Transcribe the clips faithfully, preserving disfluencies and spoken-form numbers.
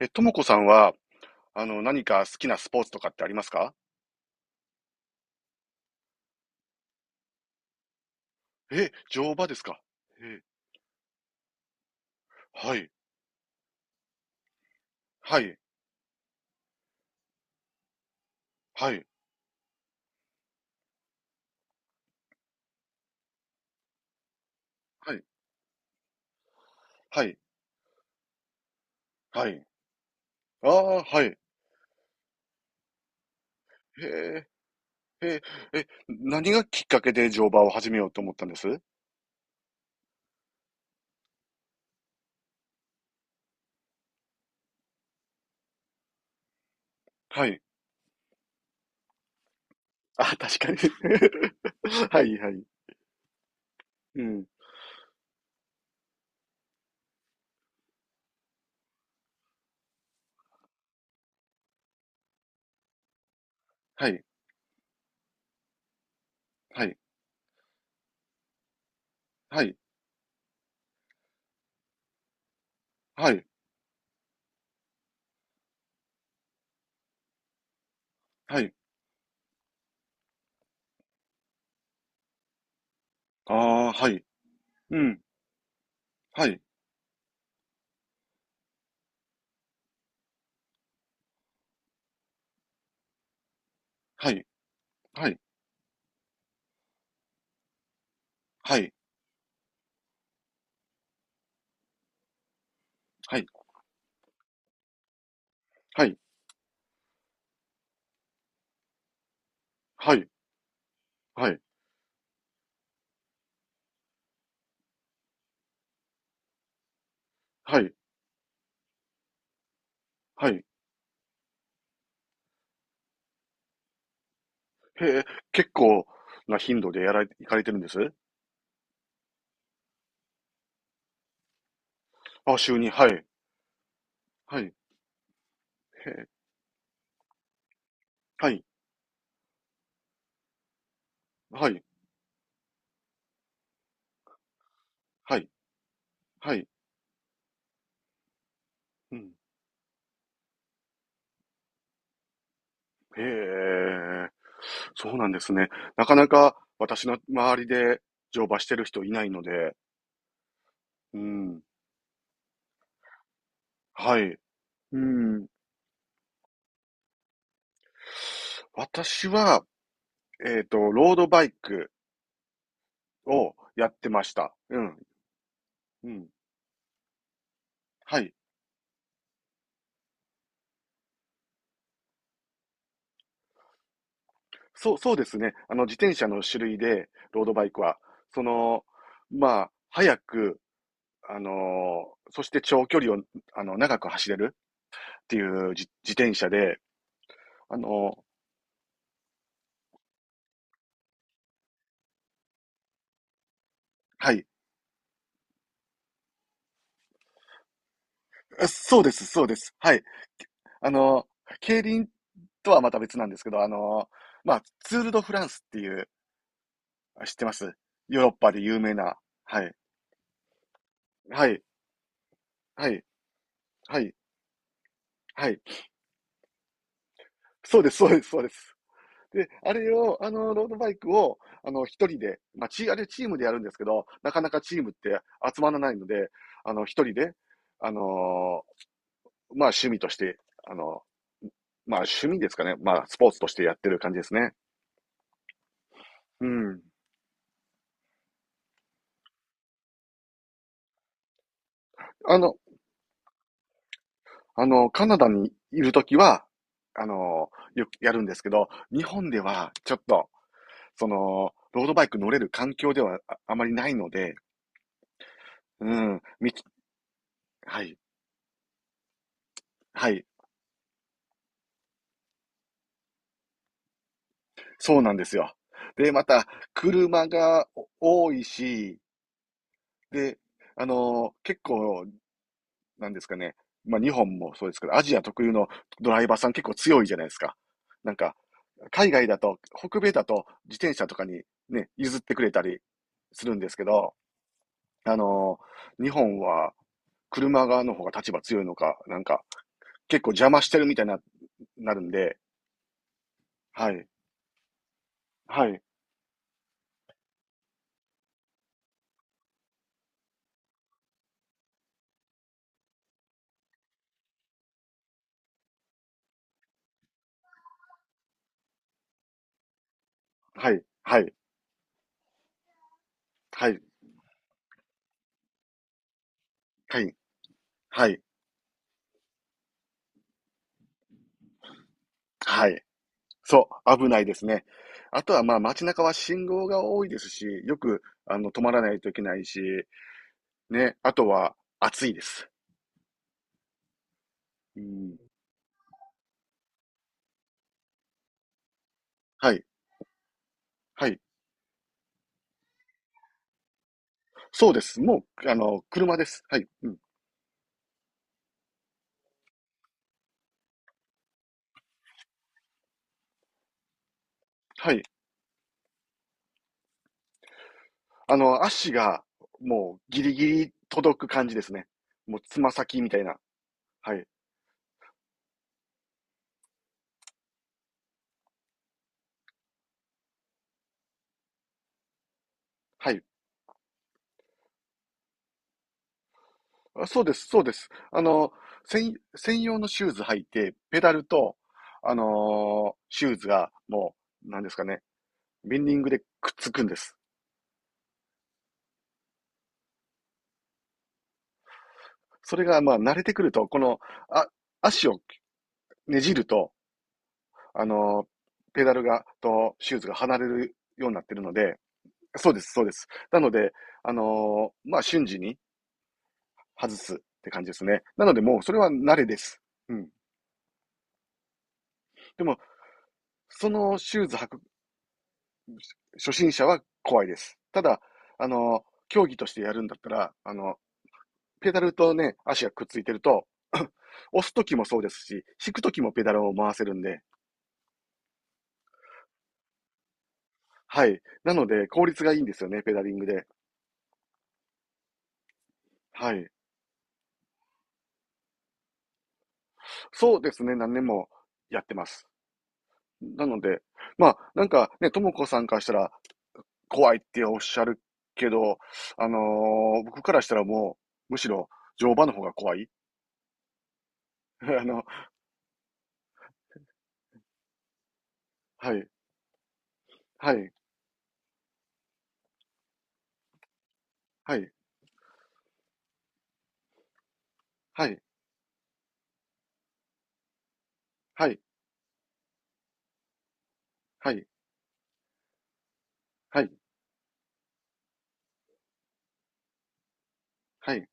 え、ともこさんは、あの、何か好きなスポーツとかってありますか？え、乗馬ですか？え、はい、はい、はい、はい、はい、はい。ああ、はい。へえ、へえ、え、何がきっかけで乗馬を始めようと思ったんです？はい。あ、確かに。はい、はい。うん。はい、はい、はい、はい、はい。ああ、はい。うん。はい、はい、はい、はい、はい、はい、はい、はい、はい、はい。はい、へえ、結構な頻度でやられ、行かれてるんです？あ、週に、はい。はい。へえ、はい。はい。はい。はい。うん。へえ、そうなんですね。なかなか私の周りで乗馬してる人いないので、うん。はい。うん。私は、えっと、ロードバイクをやってました。うん。うん。はい。そうそうですね。あの、自転車の種類で、ロードバイクは。その、まあ、早くあの、そして長距離を、あの、長く走れるっていう自自転車で、あの、はい。そうです、そうです。はい。あの、競輪とはまた別なんですけど、あの、まあ、ツール・ド・フランスっていう、知ってます？ヨーロッパで有名な。はい。はい。はい。はい。はい。そうです、そうです、そうです。で、あれを、あの、ロードバイクを、あの、一人で、まあ、チーあれチームでやるんですけど、なかなかチームって集まらないので、あの、一人で、あのまあ趣味として、あの、まあ趣味ですかね。まあスポーツとしてやってる感じですね。うん。あの、あの、カナダにいるときは、あの、よくやるんですけど、日本ではちょっと、その、ロードバイク乗れる環境ではああまりないので、うん、みき、はい、はい、そうなんですよ。で、また、車がお多いし、で、あの、結構なんですかね。まあ日本もそうですけど、アジア特有のドライバーさん結構強いじゃないですか。なんか、海外だと、北米だと自転車とかにね、譲ってくれたりするんですけど、あのー日本は車側の方が立場強いのか、なんか結構邪魔してるみたいにな、なるんで、はい、はい、はい、はい、はい、はい、はい、はい。そう、危ないですね。あとはまあ街中は信号が多いですし、よくあの止まらないといけないし、ね、あとは、暑いです。うん。はい。はい。そうです。もう、あの、車です。はい。うん。はい。あの、足が、もう、ギリギリ届く感じですね。もう、つま先みたいな。はい。はい。あ、そうです。そうです。あの、専、専用のシューズ履いて、ペダルと、あのーシューズが、もう、なんですかね、ベンディングでくっつくんです。それが、まあ、慣れてくると、この、あ、足をねじると、あの、ペダルが、と、シューズが離れるようになってるので、そうです、そうです。なので、あのーまあ、瞬時に外すって感じですね。なので、もう、それは慣れです。うん。でも、そのシューズ履く初心者は怖いです。ただ、あのー競技としてやるんだったら、あの、ペダルとね、足がくっついてると、押すときもそうですし、引くときもペダルを回せるんで、はい。なので、効率がいいんですよね、ペダリングで。はい。そうですね、何年もやってます。なので、まあ、なんかね、ともこさんからしたら怖いっておっしゃるけど、あのー僕からしたらもう、むしろ乗馬の方が怖い。あの、はい、はい、はい、はい、はい、はい、はい、はい。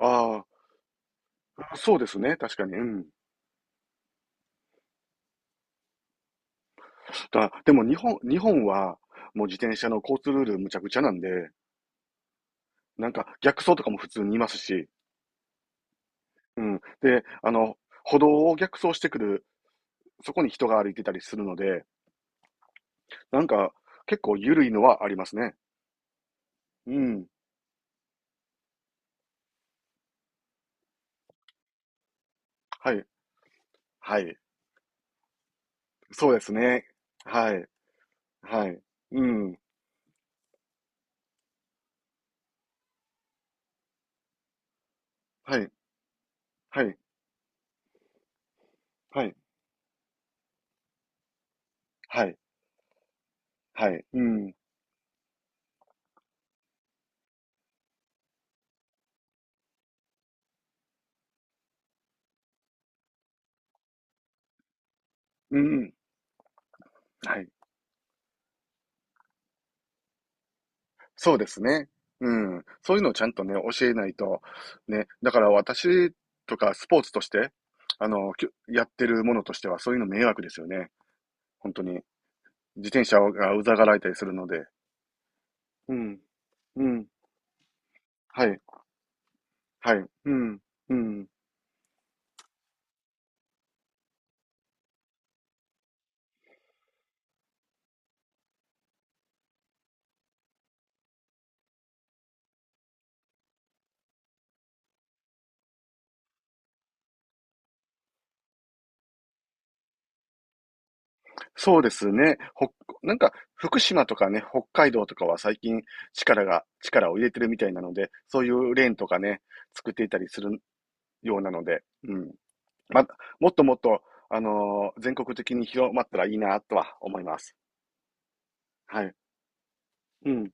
ああ、そうですね、確かに。うん。だ、でも日本、日本は、もう自転車の交通ルールむちゃくちゃなんで、なんか逆走とかも普通にいますし、うん。で、あの、歩道を逆走してくる、そこに人が歩いてたりするので、なんか、結構緩いのはありますね。うん。はい。はい。そうですね。はい。はい。うん。はい。はい。はい。はい。はい。うん。うん。はい。そうですね。うん。そういうのをちゃんとね、教えないと、ね。だから私とかスポーツとして、あの、きゅやってるものとしては、そういうの迷惑ですよね。本当に。自転車がうざがられたりするので。うん。うん。はい。はい。うん。うん。そうですね。ほ、なんか、福島とかね、北海道とかは最近力が、力を入れてるみたいなので、そういうレーンとかね、作っていたりするようなので、うん。ま、もっともっと、あのー全国的に広まったらいいなとは思います。はい。うん、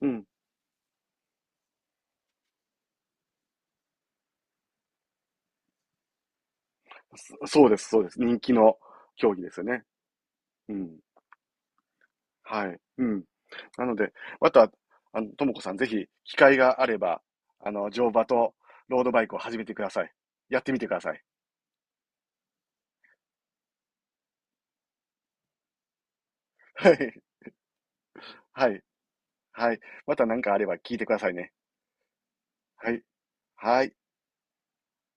うん。そ、そうです、そうです。人気の競技ですよね。うん。はい。うん。なので、また、あの、ともこさん、ぜひ、機会があれば、あの、乗馬とロードバイクを始めてください。やってみてください。はい。はい。はい。また何かあれば聞いてくださいね。はい。はい。